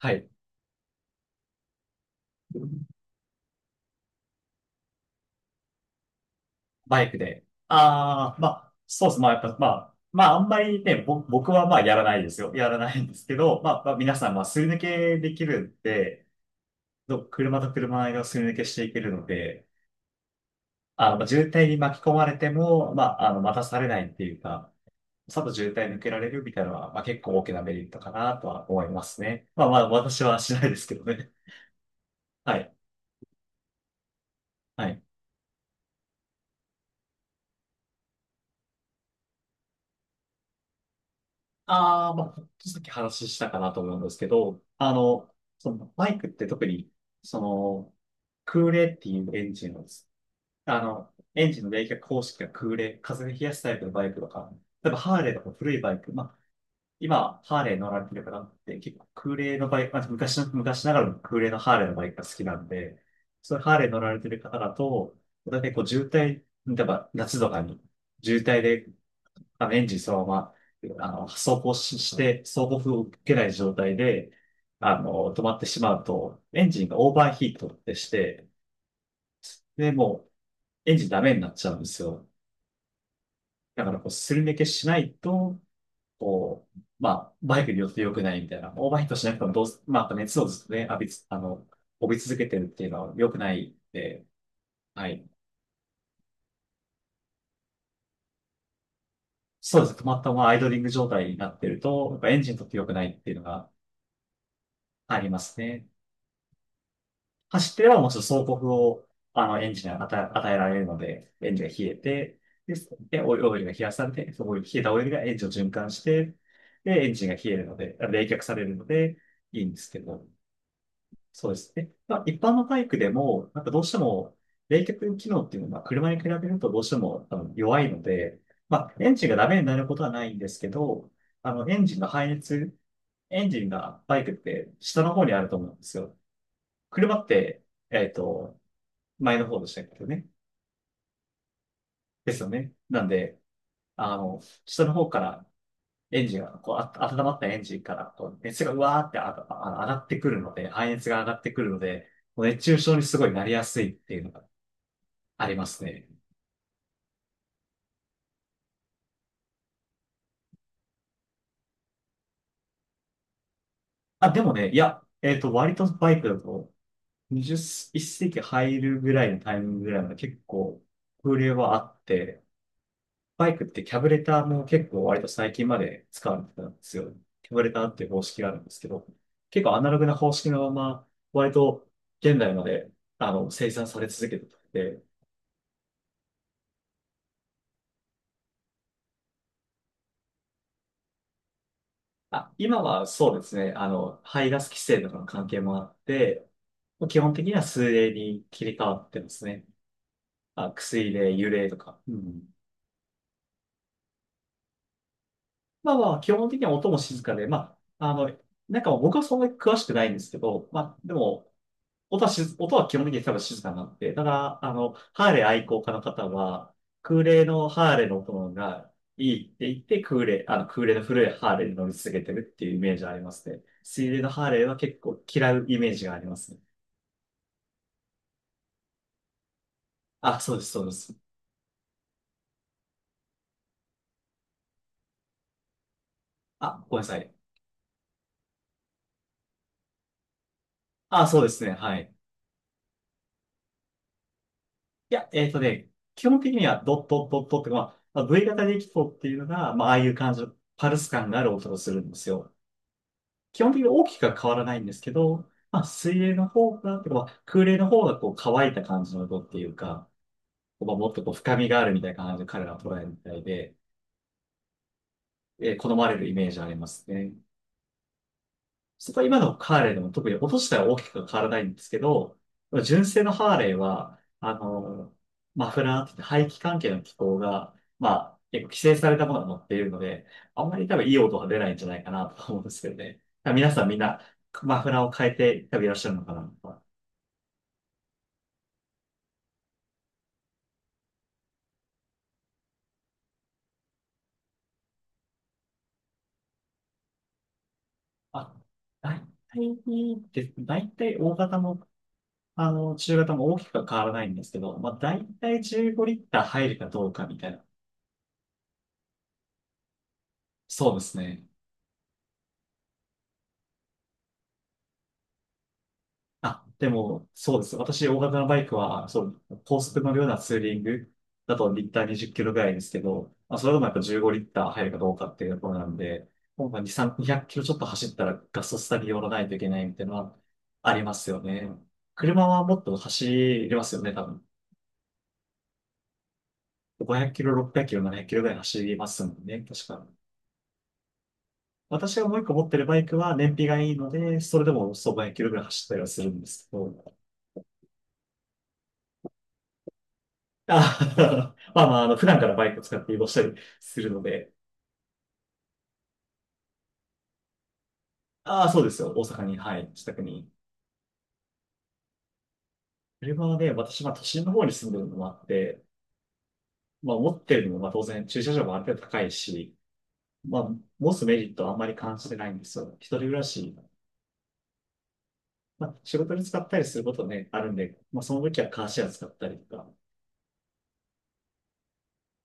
はい。バイクで。ああ、まあ、そうです。まあ、やっぱ、まあ、あんまりね、僕はまあ、やらないですよ。やらないんですけど、まあ、皆さん、まあ、すり抜けできるんで、車と車の間をすり抜けしていけるので、まあ渋滞に巻き込まれても、まあ、待たされないっていうか、さっと渋滞抜けられるみたいなのは、まあ、結構大きなメリットかなとは思いますね。まあまあ、私はしないですけどね。はい。はい。ああ、まあ、ほんとさっき話したかなと思うんですけど、そのバイクって特に、その、空冷っていうエンジンをエンジンの冷却方式が空冷、風で冷やすタイプのバイクとか、例えばハーレーとか古いバイク、まあ、今、ハーレー乗られてる方って結構空冷のバイク、まあ、昔ながらの空冷のハーレーのバイクが好きなんで、そういうハーレー乗られてる方だと、だいたいこう渋滞、例えば夏とかに渋滞でエンジンそのまま、走行し、して、走行風を受けない状態で、止まってしまうと、エンジンがオーバーヒートってして、で、もう、エンジンダメになっちゃうんですよ。だから、こう、すり抜けしないと、こう、まあ、バイクによって良くないみたいな、オーバーヒートしなくてもどうす、まあ、あと熱をずっとね、浴びつ、帯び続けてるっていうのは良くないんで、はい。そうですね。止まったままアイドリング状態になってると、やっぱエンジンにとって良くないっていうのがありますね。走ってればもうちょっと総国を、エンジンに与えられるので、エンジンが冷えて、で、で、オイルが冷やされて、そこに冷えたオイルがエンジンを循環して、で、エンジンが冷えるので、冷却されるので、いいんですけど、そうですね。まあ、一般のバイクでも、なんかどうしても、冷却機能っていうのは、車に比べるとどうしても弱いので、まあ、エンジンがダメになることはないんですけど、エンジンの排熱、エンジンがバイクって下の方にあると思うんですよ。車って、えっと、前の方でしたけどね。ですよね。なんで、下の方からエンジンが、こう、温まったエンジンから、こう、熱がうわーって上がってくるので、排熱が上がってくるので、もう熱中症にすごいなりやすいっていうのがありますね。あ、でもね、いや、割とバイクだと、21世紀入るぐらいのタイミングぐらいまで結構、風量はあって、バイクってキャブレターも結構割と最近まで使われてたんですよ。キャブレターっていう方式があるんですけど、結構アナログな方式のまま、割と現代まで、生産され続けてて、あ、今はそうですね、排ガス規制とかの関係もあって、基本的には数例に切り替わってますね。あ、薬例、油例とか。うん。まあまあ、基本的には音も静かで、まあ、なんか僕はそんなに詳しくないんですけど、まあ、でも、音は基本的に多分静かになって、だから、ハーレー愛好家の方は、空冷のハーレーの音がいいって言って、空冷、空冷の古いハーレーに乗り続けてるっていうイメージありますね。水冷のハーレーは結構嫌うイメージがありますね。あ、そうです、そうです。あ、ごめんなさい。あ、そうですね、はい。いや、基本的にはドットドットって、まあ、 V 型でキフォっていうのが、まあ、ああいう感じのパルス感がある音をするんですよ。基本的に大きくは変わらないんですけど、まあ、水泳の方が、とかまあ空冷の方がこう乾いた感じの音っていうか、まあ、もっとこう深みがあるみたいな感じで彼らは捉えるみたいで、好まれるイメージありますね。そこは今のハーレーでも特に音自体は大きくは変わらないんですけど、純正のハーレーは、マフラーって言って排気関係の機構が、まあ、結構規制されたものが乗っているので、あんまり多分いい音は出ないんじゃないかなと思うんですけどね。皆さんみんなマフラーを変えて多分いらっしゃるのかなと。あ、大体大体大型も、中型も大きくは変わらないんですけど、まあ、大体15リッター入るかどうかみたいな。そうですね。あ、でも、そうです。私、大型のバイクは、そう、高速乗るようなツーリングだとリッター20キロぐらいですけど、まあ、それでもやっぱ15リッター入るかどうかっていうところなんで、もうまあ2、3、0 0キロちょっと走ったらガソスタに寄らないといけないみたいなのはありますよね。車はもっと走りますよね、多分。500キロ、600キロ、700キロぐらい走りますもんね、確か。私がもう一個持ってるバイクは燃費がいいので、それでもそう500キロぐらい走ったりはするんですけど。あ まあまあ、普段からバイク使って移動したりするので。ああ、そうですよ。大阪に、はい、自宅に。車はね、私、まあ都心の方に住んでるのもあって、まあ持ってるのも、まあ当然駐車場もある程度高いし、まあ、持つメリットはあんまり感じてないんですよ。一人暮らし、まあ仕事に使ったりすることね、あるんで、まあその時はカーシェア使ったりとか、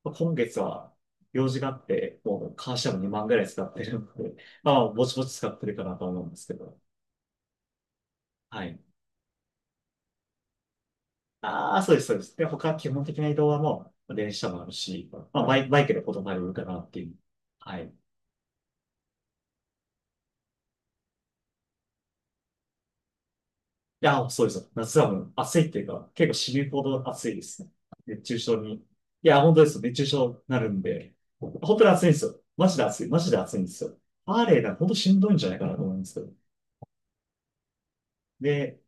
今月は用事があって、もうカーシャム2万ぐらい使ってるので、まあ、ぼちぼち使ってるかなと思うんですけど。はい。ああ、そうです、そうです。で、他基本的な移動はもう、電車もあるし、まあ、バイクでほとんど歩るかなっていう。はい。いや、そうです。夏はもう暑いっていうか、結構死ぬほど暑いですね。熱中症に。いや、本当です。熱中症になるんで、本当に暑いんですよ。マジで暑い。マジで暑いんですよ。アーレーなんか本当しんどいんじゃないかなと思うんですけど。で、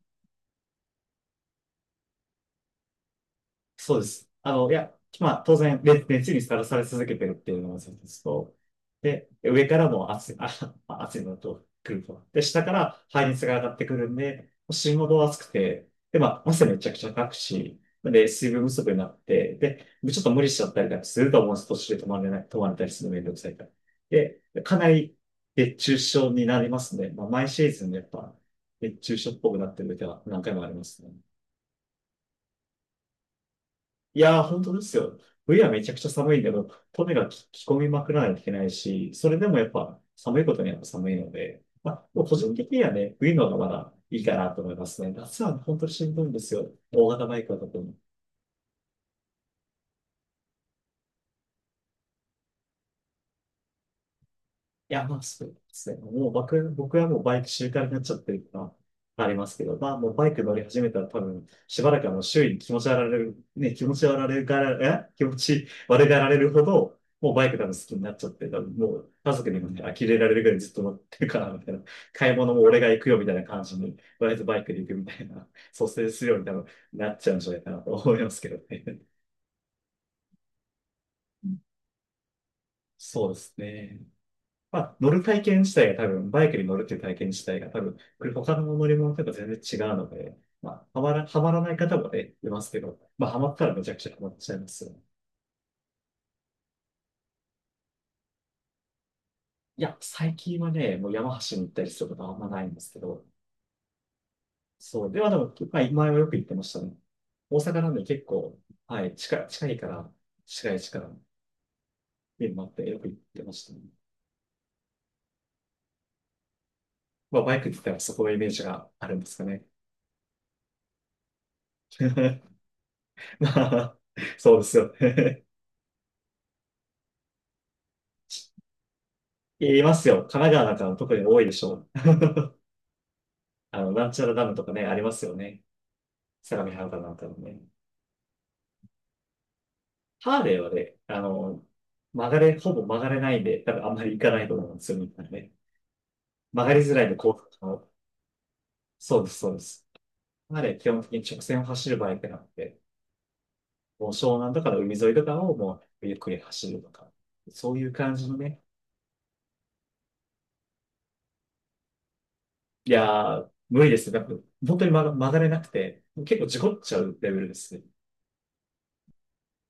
そうです。いや、まあ、当然、熱にさらされ続けてるっていうのが一つと、で、上からも熱い、あ、まあ熱いのと来ると。で、下から排熱が上がってくるんで、心臓が熱くて、で、まあ、汗めちゃくちゃかくし、で、水分不足になって、で、ちょっと無理しちゃったりなんかすると思うんです。途中で止まれない、止まれたりするのめんどくさいから。で、かなり熱中症になりますね。まあ、毎シーズンやっぱ、熱中症っぽくなってる時は何回もありますね。いやー、本当ですよ。冬はめちゃくちゃ寒いけど、とにかく着込みまくらないといけないし、それでもやっぱ寒いことには寒いので、まあ、もう個人的にはね、冬の方がまだいいかなと思いますね。夏は本当にしんどいんですよ。大型バイクは特に。いや、まあそうですね。もう僕はもうバイク習慣になっちゃってるっていうのはありますけど、まあもうバイク乗り始めたら多分、しばらくはもう周囲に気持ち悪がられる、ね、気持ち悪がられるから、気持ち悪がられるほど、もうバイク多分好きになっちゃって、多分もう家族にもね、呆れられるぐらいずっと乗ってるから、みたいな。買い物も俺が行くよみたいな感じに、割とバイクで行くみたいな、蘇生するように多分なっちゃうんじゃないかなと思いますけどね。そうですね。まあ、乗る体験自体が多分、バイクに乗るっていう体験自体が多分、これ他の乗り物とか全然違うので、まあ、はまらない方もね、いますけど、まあ、はまったらめちゃくちゃはまっちゃいますよね。いや、最近はね、もう山橋に行ったりすることはあんまないんですけど、そう、ではでも、まあ、前はよく行ってましたね。大阪なんで結構、はい、近いから、近い、見るもあってよく行ってましたね。まあ、バイクって言ったらそこのイメージがあるんですかね。まあ、そうですよ。いますよ。神奈川なんかの特に多いでしょう。あの、なんちゃらダムとかね、ありますよね。相模原かなんかのね。ハーレーはね、あの、曲がれ、ほぼ曲がれないんで、多分あんまり行かないと思うんですよ、みたいなね。曲がりづらいの、こう、あのそうです、そうです。ハーレー基本的に直線を走るバイクなので、もう湘南とかの海沿いとかをもうゆっくり走るとか、そういう感じのね。いやー、無理ですね。なんか、本当に曲がれなくて、結構事故っちゃうレベルですね。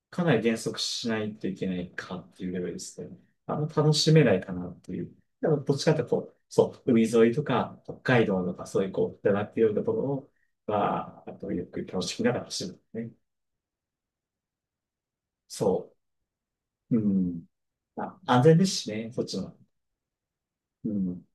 かなり減速しないといけないかっていうレベルですね。あの楽しめないかなっていう。でも、どっちかっていうとこう、そう、海沿いとか、北海道とか、そういうこう、だなっていうところを、まあ、あと、ゆっくり楽しみながら走るね。そう。うん。まあ、安全ですしね、そっちの。うん。